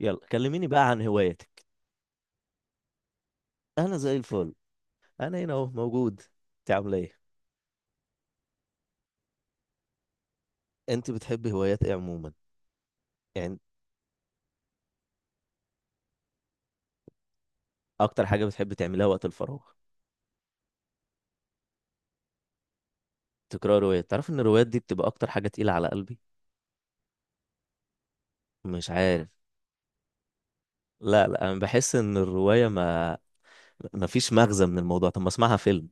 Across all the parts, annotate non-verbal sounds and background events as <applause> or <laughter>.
يلا كلميني بقى عن هواياتك. انا زي الفل. انا هنا اهو موجود. انت عامله ايه؟ انت بتحبي هوايات ايه عموما؟ يعني، اكتر حاجه بتحبي تعمليها وقت الفراغ؟ تقرا روايات؟ تعرف ان الروايات دي بتبقى اكتر حاجه تقيله على قلبي. مش عارف. لا، لا، انا بحس ان الروايه ما فيش مغزى من الموضوع. طب ما اسمعها فيلم.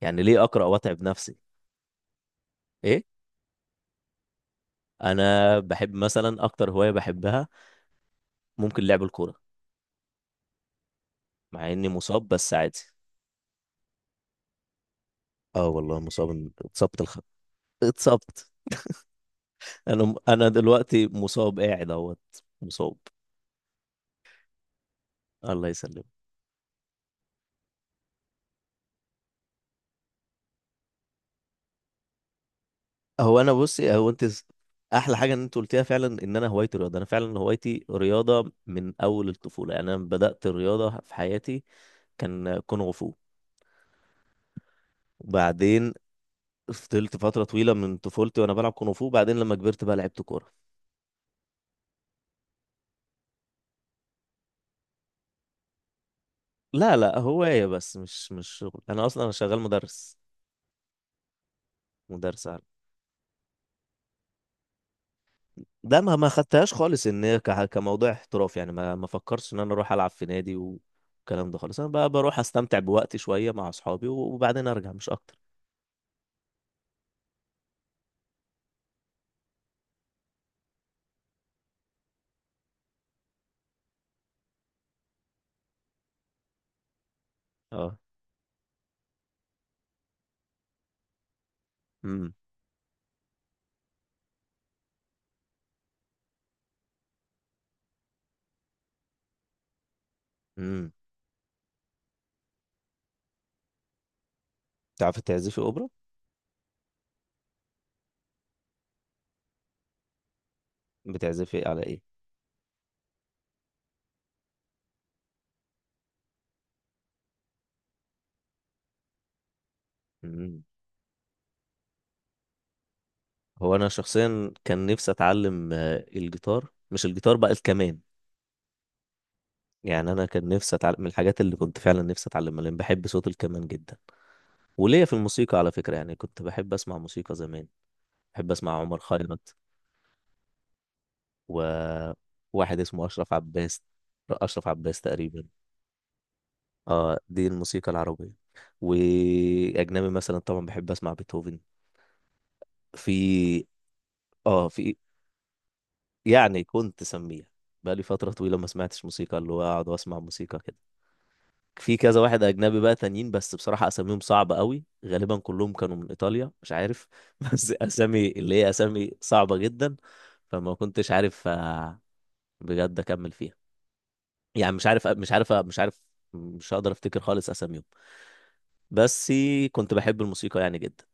يعني، ليه اقرا واتعب نفسي؟ ايه؟ انا بحب مثلا، اكتر هوايه بحبها ممكن لعب الكوره. مع اني مصاب، بس عادي. اه، والله مصاب، اتصبت. انا دلوقتي مصاب، قاعد اهوت. مصاب. الله يسلمك. هو انا، بصي. احلى حاجه ان انت قلتيها فعلا ان انا هوايتي رياضه. انا فعلا هوايتي رياضه من اول الطفوله. يعني، انا بدات الرياضه في حياتي. كان كونغ فو. وبعدين، فضلت فتره طويله من طفولتي وانا بلعب كونغ فو. وبعدين لما كبرت بقى، لعبت كوره. لا، لا، هوايه بس، مش شغل. انا اصلا انا شغال مدرس. مدرس. ده ما خدتهاش خالص ان هي كموضوع احتراف. يعني، ما فكرش ان انا اروح العب في نادي والكلام ده خالص. انا بقى بروح استمتع بوقتي شويه مع اصحابي وبعدين ارجع، مش اكتر. اه. امم. امم. تعرفي تعزفي اوبرا؟ بتعزفي على ايه؟ امم. هو انا شخصيا كان نفسي اتعلم الجيتار. مش الجيتار، بقى الكمان. يعني، انا كان نفسي اتعلم من الحاجات اللي كنت فعلا نفسي اتعلمها، لان بحب صوت الكمان جدا. وليا في الموسيقى على فكره. يعني كنت بحب اسمع موسيقى زمان. بحب اسمع عمر خيرت. وواحد اسمه أشرف عباس. أشرف عباس تقريبا. اه، دي الموسيقى العربية. وأجنبي مثلا، طبعا بحب أسمع بيتهوفن. في. اه، في. يعني، كنت سميع. بقالي فترة طويلة ما سمعتش موسيقى، اللي هو أقعد وأسمع موسيقى كده. في كذا واحد أجنبي بقى تانيين، بس بصراحة أساميهم صعبة قوي. غالبا كلهم كانوا من إيطاليا، مش عارف. <laughs> بس أسامي اللي هي أسامي صعبة جدا. فما كنتش عارف، بجد أكمل فيها. يعني، مش عارف، مش عارف، مش عارف. مش هقدر افتكر خالص اساميهم. بس كنت بحب الموسيقى يعني، جدا.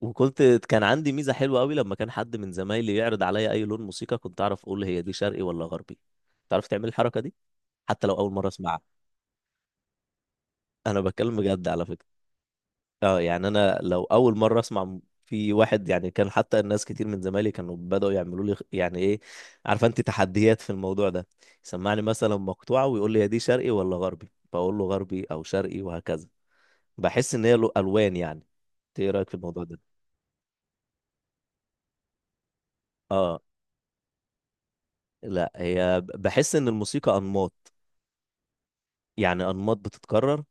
وكنت كان عندي ميزة حلوة قوي. لما كان حد من زمايلي يعرض عليا اي لون موسيقى، كنت اعرف اقول هي دي شرقي ولا غربي. تعرف تعمل الحركة دي؟ حتى لو اول مرة اسمعها. انا بتكلم بجد على فكرة. اه، يعني، انا لو اول مرة اسمع، في واحد يعني كان، حتى الناس كتير من زمايلي كانوا بدأوا يعملوا لي يعني ايه. عارفه انت تحديات في الموضوع ده؟ يسمعني مثلا مقطوعة ويقول لي، هي دي شرقي ولا غربي، فاقول له غربي او شرقي، وهكذا. بحس ان هي له الوان، يعني. إنت ايه رايك في الموضوع ده؟ اه، لا، هي بحس ان الموسيقى انماط. يعني، انماط بتتكرر.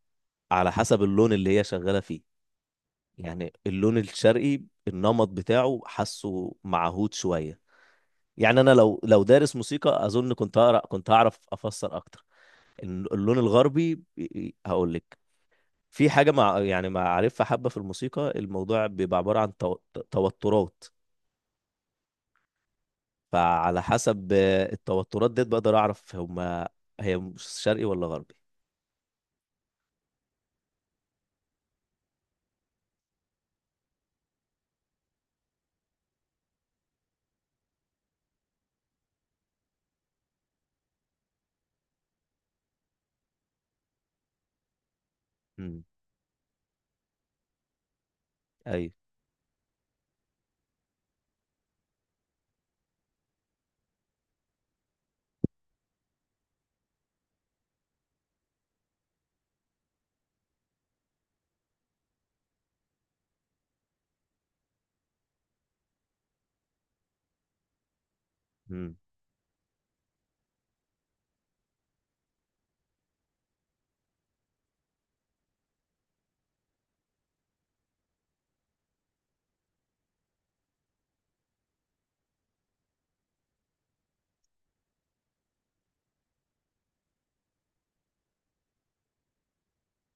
على حسب اللون اللي هي شغاله فيه. يعني، اللون الشرقي، النمط بتاعه حاسه معهود شويه. يعني، انا لو دارس موسيقى، اظن كنت هقرا، كنت هعرف افسر اكتر. اللون الغربي. هقول لك. في حاجه، مع يعني معرفه حبه في الموسيقى، الموضوع بيبقى عباره عن توترات. فعلى حسب التوترات ديت، بقدر اعرف هما. هي مش شرقي ولا غربي. امم. ايوه. امم.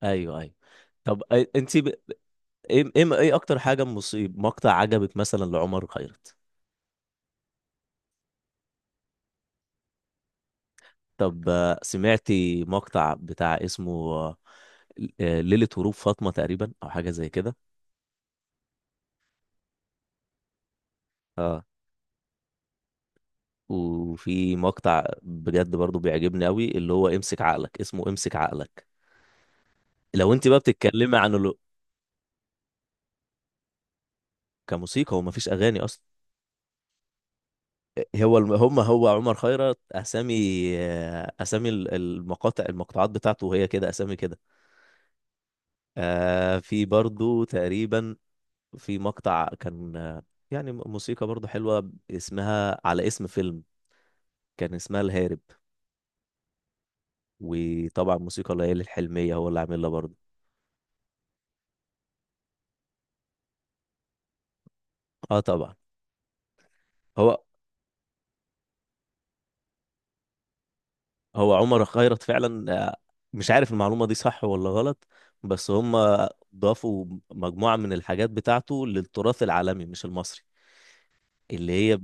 ايوه، ايوه. طب، انت ب... ايه، ايه، ايه، اكتر حاجه مصيب مقطع عجبك مثلا لعمر خيرت؟ طب، سمعتي مقطع بتاع اسمه، ليله هروب فاطمه تقريبا، او حاجه زي كده؟ اه، وفي مقطع بجد برضو بيعجبني قوي، اللي هو امسك عقلك، اسمه امسك عقلك. لو انت بقى بتتكلمي عن كموسيقى. هو مفيش اغاني اصلا. هو هم، هو عمر خيرت، اسامي. اسامي المقاطع، المقطوعات بتاعته هي كده، اسامي كده. في برضو تقريبا. في مقطع كان، يعني، موسيقى برضو حلوة، اسمها على اسم فيلم. كان اسمها الهارب. وطبعا، موسيقى ليالي الحلمية هو اللي عاملها برضو. اه، طبعا. هو هو عمر خيرت فعلا. مش عارف المعلومة دي صح ولا غلط. بس هم. ضافوا مجموعة من الحاجات بتاعته للتراث العالمي، مش المصري. اللي هي.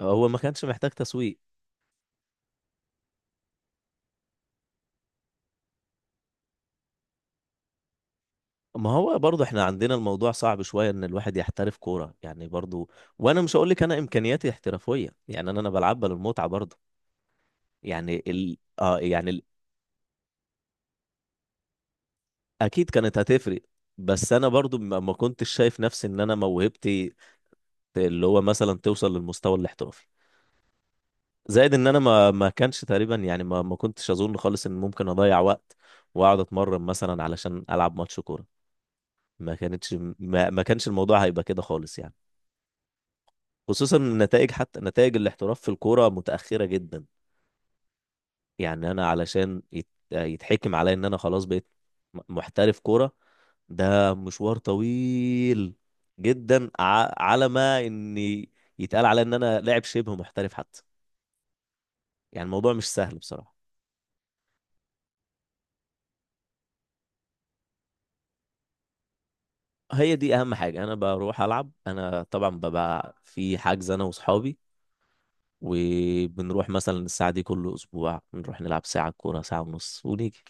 هو ما كانش محتاج تسويق. ما هو برضه احنا عندنا الموضوع صعب شوية ان الواحد يحترف كورة، يعني برضه. وانا مش هقول لك انا امكانياتي احترافية. يعني، انا بلعبها للمتعة برضه. يعني ال... اه يعني ال... اكيد كانت هتفرق. بس انا برضه ما كنتش شايف نفسي ان انا موهبتي. اللي هو مثلا توصل للمستوى الاحترافي. زائد ان انا ما كانش تقريبا. يعني، ما كنتش اظن خالص ان ممكن اضيع وقت. واقعد اتمرن مثلا علشان العب ماتش كورة. ما كانتش ما, ما كانش الموضوع هيبقى كده خالص، يعني. خصوصا النتائج، حتى نتائج الاحتراف في الكورة متأخرة جدا. يعني، أنا علشان يتحكم عليا إن أنا خلاص بقيت محترف كورة. ده مشوار طويل جدا، على ما إني يتقال عليا إن أنا لاعب شبه محترف، حتى. يعني، الموضوع مش سهل بصراحة. هي دي أهم حاجة. أنا بروح ألعب. أنا طبعا ببقى في حجز، أنا وأصحابي. وبنروح مثلا الساعة دي كل أسبوع، بنروح نلعب ساعة كورة، ساعة ونص، ونيجي.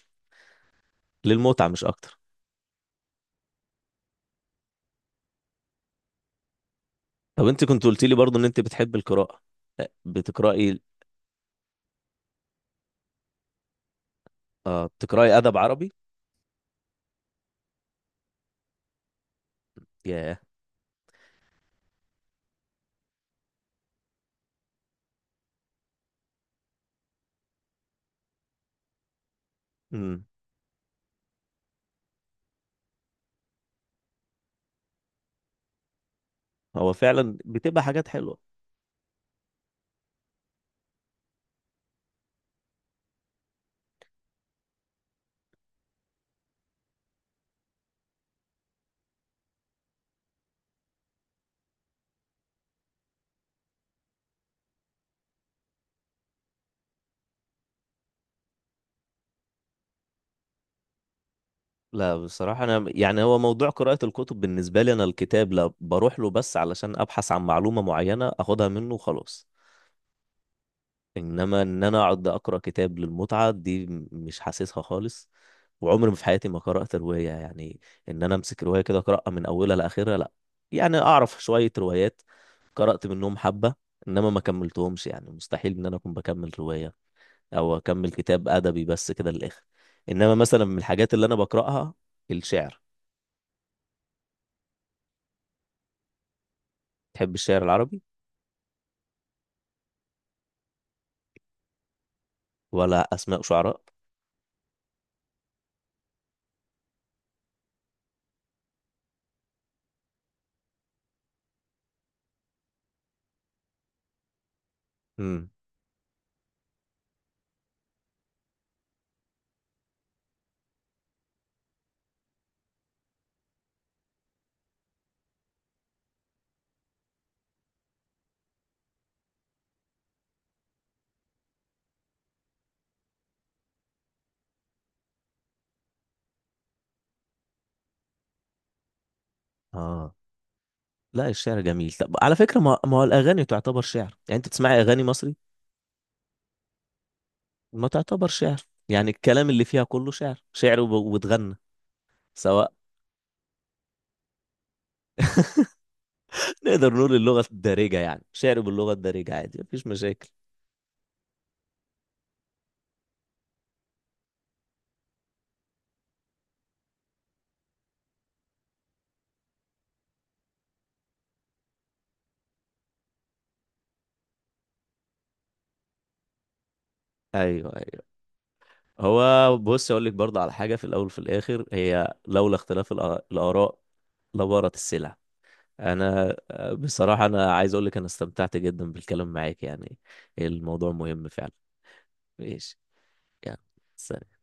للمتعة، مش أكتر. طب، انت كنت قلت لي برضو ان انت بتحب القراءة. بتقرأي؟ اه، بتقرأي ادب عربي؟ ياه. امم. هو فعلا بتبقى حاجات حلوة. لا، بصراحة انا يعني، هو موضوع قراءة الكتب بالنسبة لي، انا الكتاب لا بروح له بس علشان ابحث عن معلومة معينة اخدها منه وخلاص. انما ان انا اقعد اقرا كتاب للمتعه دي، مش حاسسها خالص. وعمري ما في حياتي ما قرات روايه، يعني. ان انا امسك روايه كده اقراها من اولها لاخرها، لا. يعني، اعرف شويه روايات. قرات منهم حبه. انما ما كملتهمش، يعني مستحيل ان انا اكون بكمل روايه. او اكمل كتاب ادبي بس كده للاخر. انما مثلا من الحاجات اللي انا بقراها: الشعر. تحب الشعر العربي؟ ولا اسماء شعراء؟ امم. اه، لا، الشعر جميل. طب على فكره، ما هو الاغاني تعتبر شعر، يعني انت تسمعي اغاني مصري؟ ما تعتبر شعر. يعني، الكلام اللي فيها كله شعر، شعر واتغنى. سواء. <laughs> نقدر نقول اللغة الدارجة، يعني شعر باللغة الدارجة عادي، مفيش مشاكل. ايوه، ايوه. هو بص، اقول لك برضه على حاجة. في الاول وفي الاخر، هي لولا اختلاف الاراء. لبارت السلع. انا بصراحة انا عايز اقول لك انا استمتعت جدا بالكلام معاك، يعني. الموضوع مهم فعلا. ماشي. يعني. سلام.